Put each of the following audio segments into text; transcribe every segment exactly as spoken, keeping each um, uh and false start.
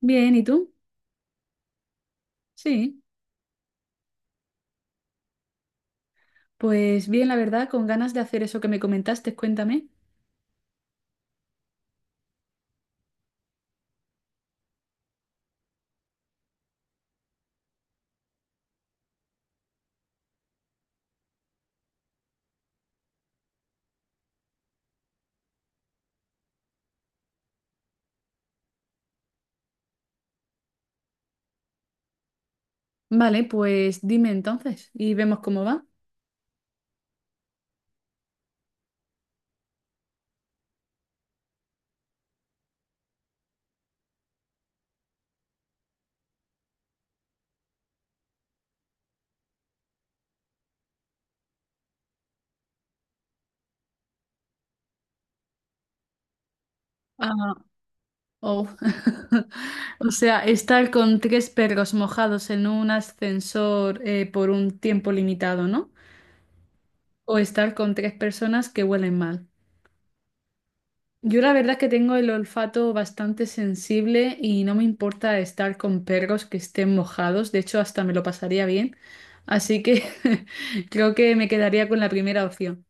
Bien, ¿y tú? Sí, pues bien, la verdad, con ganas de hacer eso que me comentaste, cuéntame. Vale, pues dime entonces y vemos cómo va. Ah, oh. O sea, estar con tres perros mojados en un ascensor eh, por un tiempo limitado, ¿no? O estar con tres personas que huelen mal. Yo la verdad es que tengo el olfato bastante sensible y no me importa estar con perros que estén mojados, de hecho hasta me lo pasaría bien, así que creo que me quedaría con la primera opción.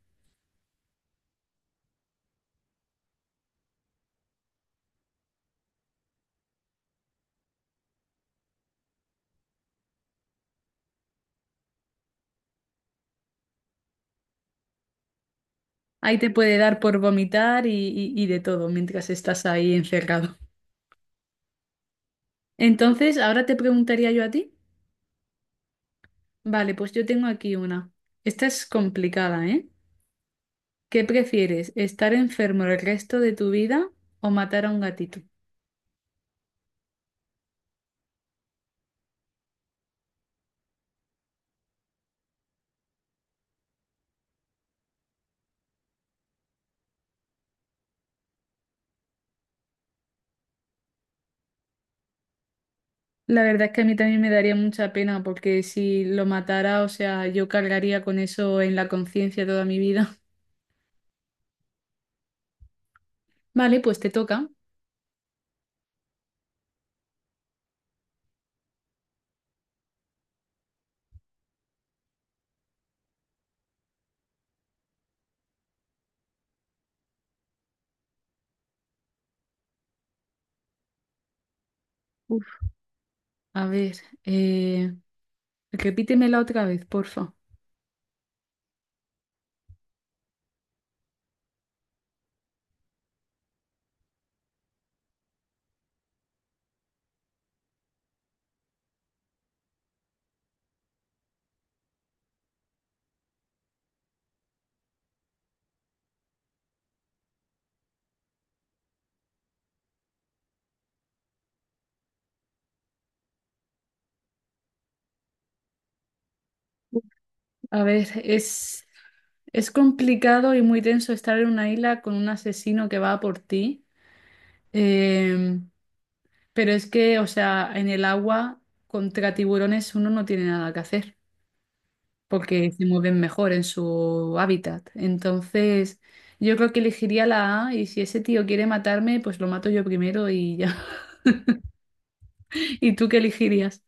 Ahí te puede dar por vomitar y, y- y de todo mientras estás ahí encerrado. Entonces, ahora te preguntaría yo a ti. Vale, pues yo tengo aquí una. Esta es complicada, ¿eh? ¿Qué prefieres, estar enfermo el resto de tu vida o matar a un gatito? La verdad es que a mí también me daría mucha pena porque si lo matara, o sea, yo cargaría con eso en la conciencia toda mi vida. Vale, pues te toca. Uf, a ver, eh, repítemela otra vez, porfa. A ver, es, es complicado y muy tenso estar en una isla con un asesino que va a por ti, Em, pero es que, o sea, en el agua contra tiburones uno no tiene nada que hacer, porque se mueven mejor en su hábitat. Entonces, yo creo que elegiría la A y si ese tío quiere matarme, pues lo mato yo primero y ya. ¿Y tú qué elegirías?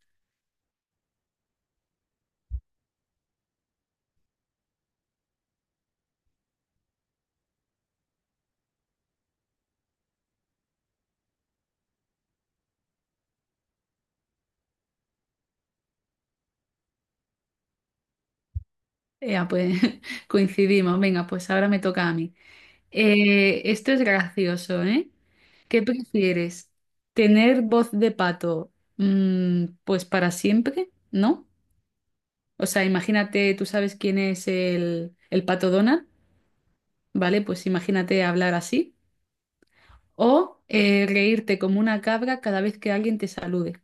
Ya, pues coincidimos. Venga, pues ahora me toca a mí. Eh, esto es gracioso, ¿eh? ¿Qué prefieres? ¿Tener voz de pato, mm, pues para siempre? ¿No? O sea, imagínate, tú sabes quién es el, el pato Donald, ¿vale? Pues imagínate hablar así. O eh, reírte como una cabra cada vez que alguien te salude.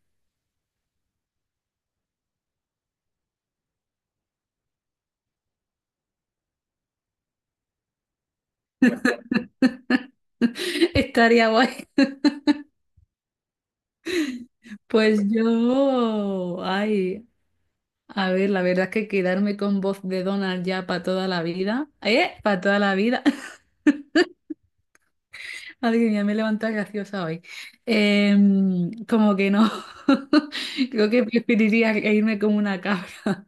Estaría guay. Pues yo, ay, a ver, la verdad es que quedarme con voz de Donald ya para toda la vida, ¿eh? Para toda la vida. Madre mía, me he levantado graciosa hoy. Em, como que no. Creo que preferiría reírme como una cabra.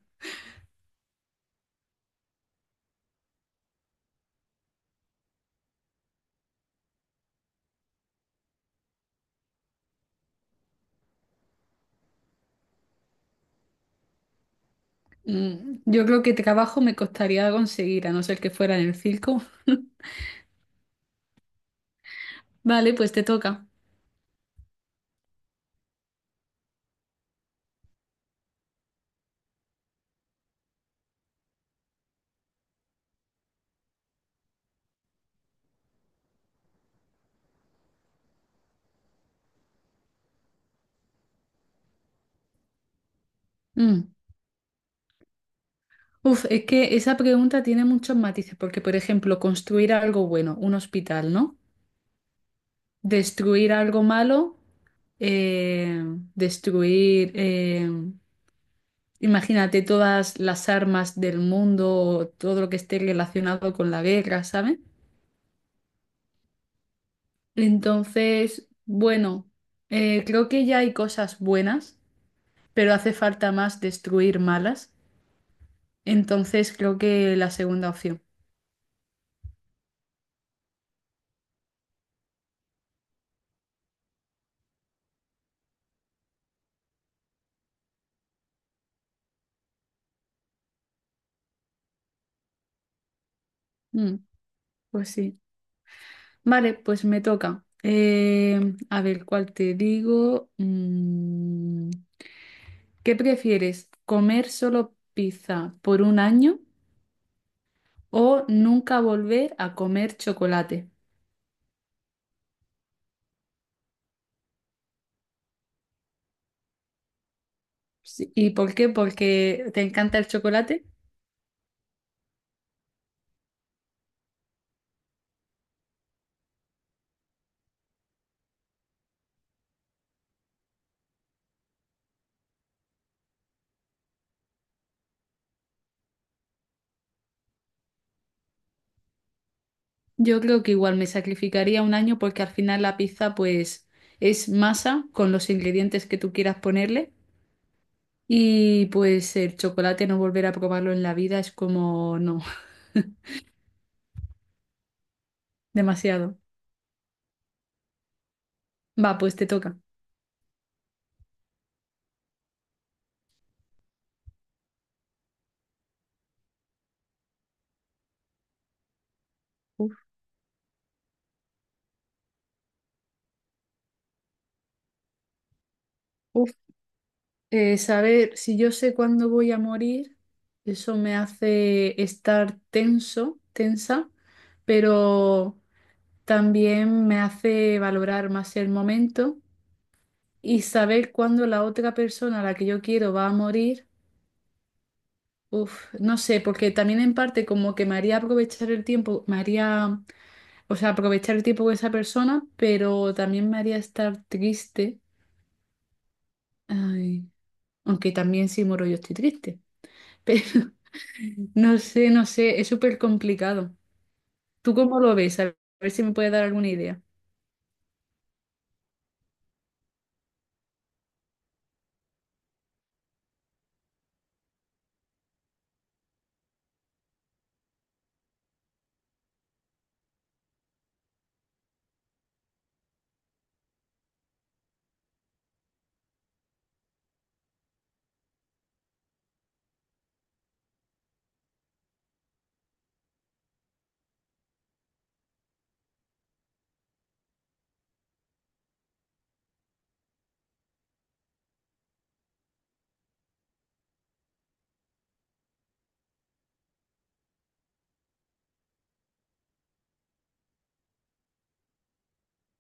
Mm, Yo creo que trabajo me costaría conseguir, a no ser que fuera en el circo. Vale, pues te toca. Mm. Uf, es que esa pregunta tiene muchos matices, porque por ejemplo, construir algo bueno, un hospital, ¿no? Destruir algo malo, eh, destruir, eh, imagínate todas las armas del mundo, o todo lo que esté relacionado con la guerra, ¿sabes? Entonces, bueno, eh, creo que ya hay cosas buenas, pero hace falta más destruir malas. Entonces, creo que la segunda opción. Mm, pues sí. Vale, pues me toca. Eh, a ver, ¿cuál te digo? Mm, ¿qué prefieres? ¿Comer solo pizza por un año o nunca volver a comer chocolate? Sí, ¿y por qué? Porque te encanta el chocolate. Yo creo que igual me sacrificaría un año porque al final la pizza pues es masa con los ingredientes que tú quieras ponerle y pues el chocolate no volver a probarlo en la vida es como no, demasiado. Va, pues te toca. Uf, eh, saber si yo sé cuándo voy a morir, eso me hace estar tenso, tensa, pero también me hace valorar más el momento y saber cuándo la otra persona a la que yo quiero va a morir. Uf, no sé, porque también en parte como que me haría aprovechar el tiempo, me haría, o sea, aprovechar el tiempo con esa persona, pero también me haría estar triste. Ay, aunque también si muero yo estoy triste. Pero no sé, no sé, es súper complicado. ¿Tú cómo lo ves? A ver si me puedes dar alguna idea.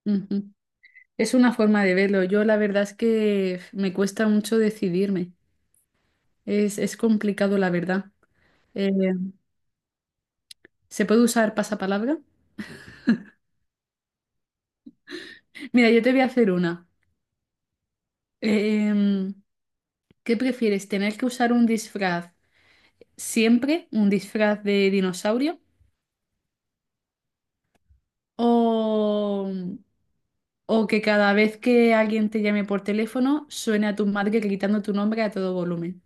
Ujú. Es una forma de verlo. Yo la verdad es que me cuesta mucho decidirme. Es, es complicado, la verdad. Eh, ¿Se puede usar pasapalabra? Mira, yo te voy a hacer una. Em, ¿Qué prefieres? ¿Tener que usar un disfraz siempre, un disfraz de dinosaurio? O, o que cada vez que alguien te llame por teléfono suene a tu madre gritando tu nombre a todo volumen.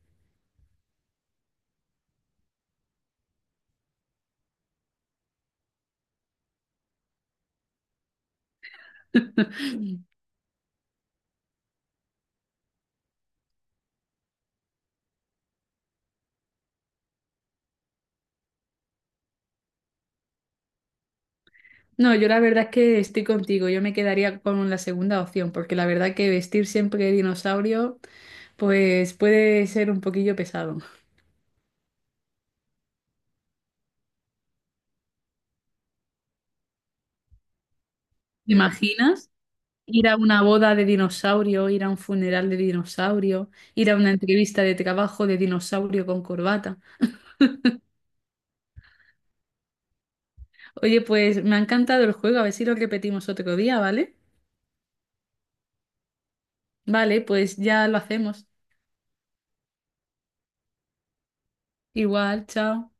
No, yo la verdad es que estoy contigo. Yo me quedaría con la segunda opción, porque la verdad que vestir siempre de dinosaurio, pues puede ser un poquillo pesado. ¿Te imaginas? Ir a una boda de dinosaurio, ir a un funeral de dinosaurio, ir a una entrevista de trabajo de dinosaurio con corbata. Oye, pues me ha encantado el juego, a ver si lo repetimos otro día, ¿vale? Vale, pues ya lo hacemos. Igual, chao.